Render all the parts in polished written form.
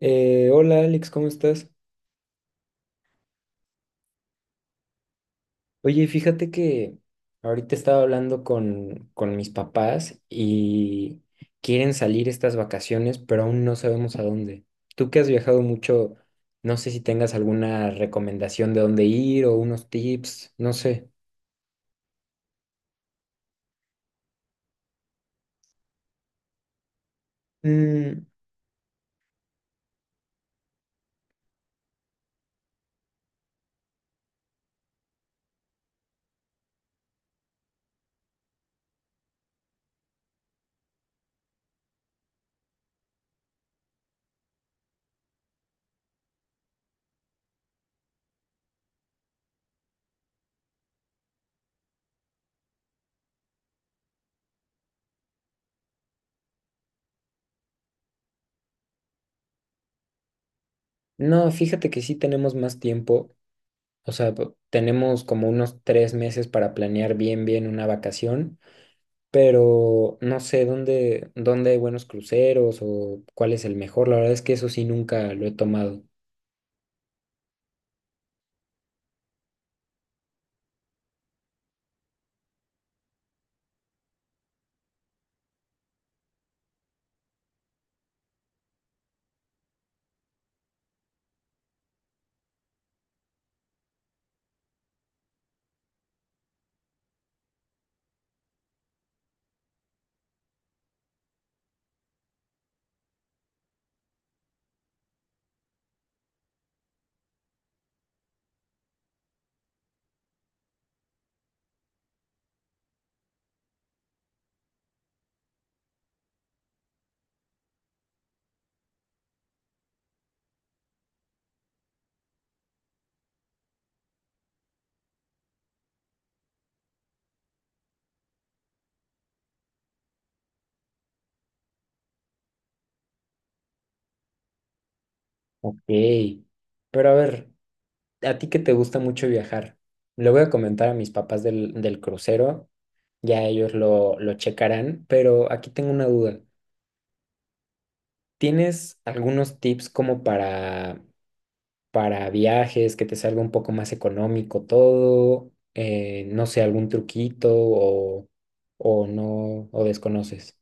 Hola Alex, ¿cómo estás? Oye, fíjate que ahorita estaba hablando con mis papás y quieren salir estas vacaciones, pero aún no sabemos a dónde. Tú que has viajado mucho, no sé si tengas alguna recomendación de dónde ir o unos tips, no sé. Mm, no, fíjate que sí tenemos más tiempo, o sea, tenemos como unos 3 meses para planear bien una vacación. Pero no sé dónde hay buenos cruceros o cuál es el mejor. La verdad es que eso sí nunca lo he tomado. Ok, pero a ver, a ti que te gusta mucho viajar, le voy a comentar a mis papás del crucero, ya ellos lo checarán, pero aquí tengo una duda. ¿Tienes algunos tips como para viajes, que te salga un poco más económico todo? No sé, algún truquito o no, o desconoces.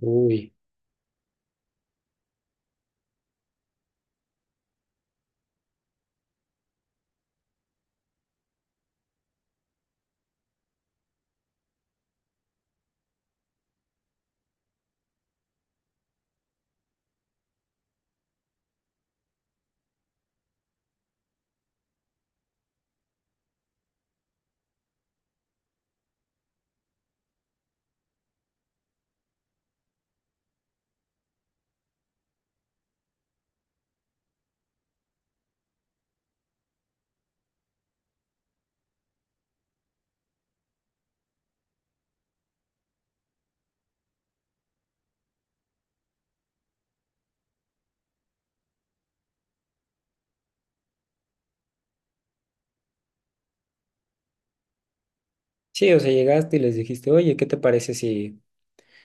Uy. Sí, o sea, llegaste y les dijiste, oye, ¿qué te parece si,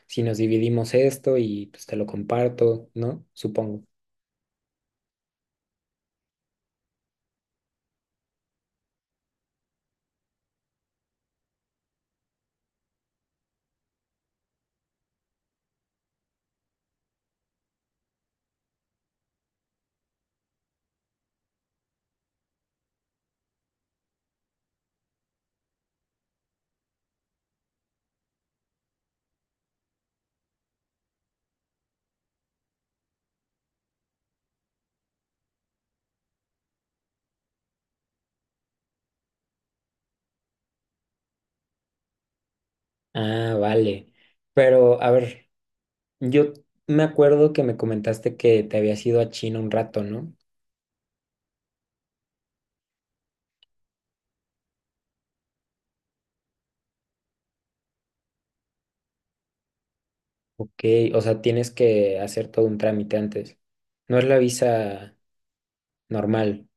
si nos dividimos esto y pues te lo comparto, ¿no? Supongo. Ah, vale. Pero, a ver, yo me acuerdo que me comentaste que te habías ido a China un rato, ¿no? Ok, o sea, tienes que hacer todo un trámite antes. No es la visa normal.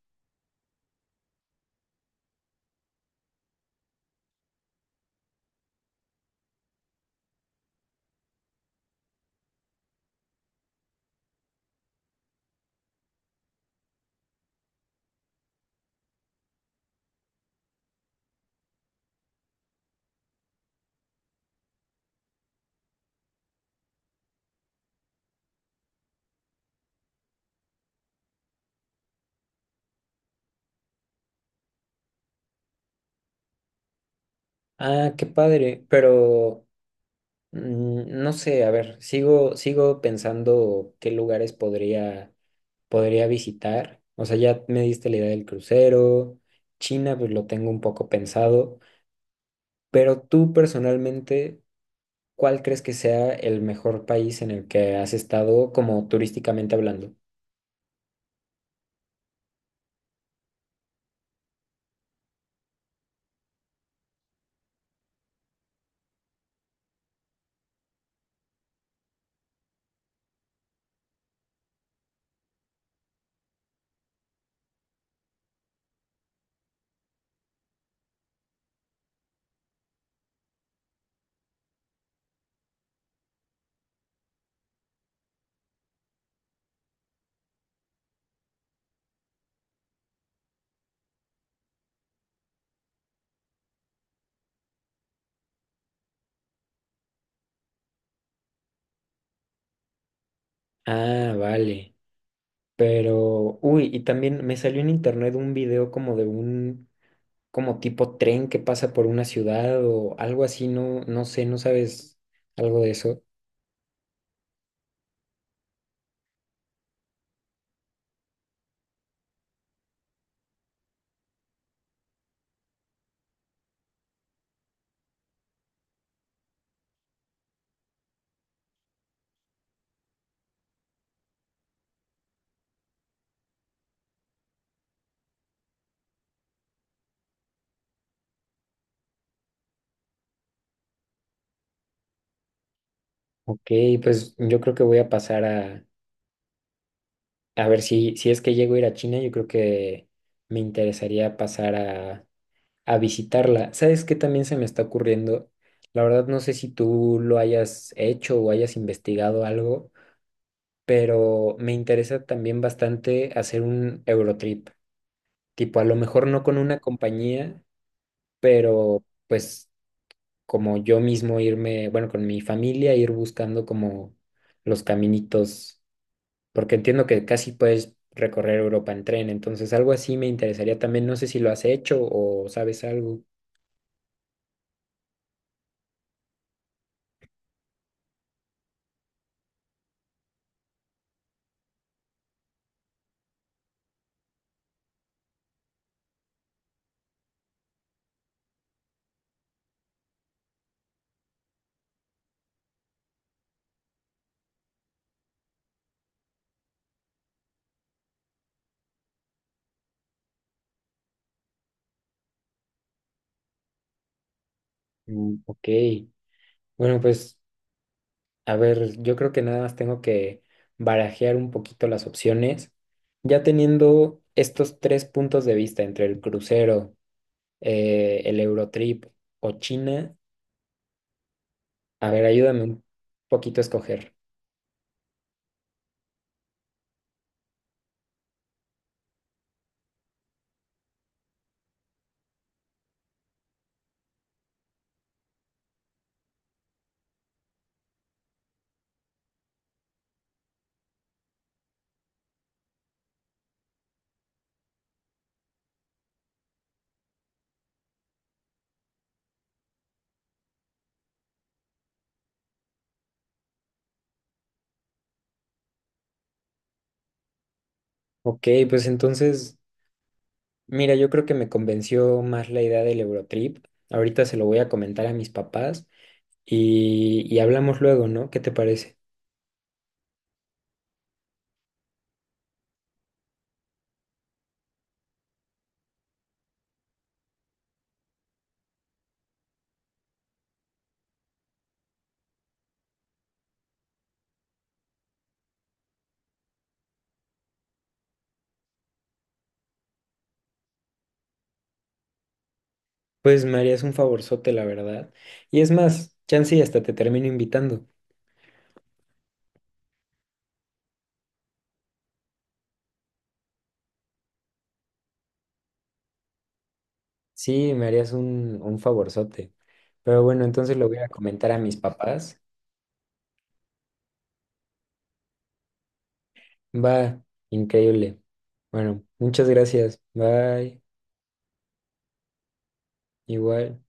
Ah, qué padre, pero mm, no sé, a ver, sigo pensando qué lugares podría visitar. O sea, ya me diste la idea del crucero. China, pues lo tengo un poco pensado, pero tú personalmente, ¿cuál crees que sea el mejor país en el que has estado como turísticamente hablando? Ah, vale. Pero, uy, y también me salió en internet un video como de un, como tipo tren que pasa por una ciudad o algo así, no, no sé, no sabes algo de eso. Ok, pues yo creo que voy a pasar a ver, si, si es que llego a ir a China, yo creo que me interesaría pasar a visitarla. ¿Sabes qué también se me está ocurriendo? La verdad no sé si tú lo hayas hecho o hayas investigado algo, pero me interesa también bastante hacer un Eurotrip. Tipo, a lo mejor no con una compañía, pero pues como yo mismo irme, bueno, con mi familia, ir buscando como los caminitos, porque entiendo que casi puedes recorrer Europa en tren, entonces algo así me interesaría también, no sé si lo has hecho o sabes algo. Mm, ok, bueno, pues a ver, yo creo que nada más tengo que barajear un poquito las opciones, ya teniendo estos 3 puntos de vista entre el crucero, el Eurotrip o China, a ver, ayúdame un poquito a escoger. Ok, pues entonces... Mira, yo creo que me convenció más la idea del Eurotrip. Ahorita se lo voy a comentar a mis papás y hablamos luego, ¿no? ¿Qué te parece? Pues me harías un favorzote, la verdad. Y es más, chance y hasta te termino invitando. Sí, me harías un favorzote. Pero bueno, entonces lo voy a comentar a mis papás. Va, increíble. Bueno, muchas gracias. Bye. Igual.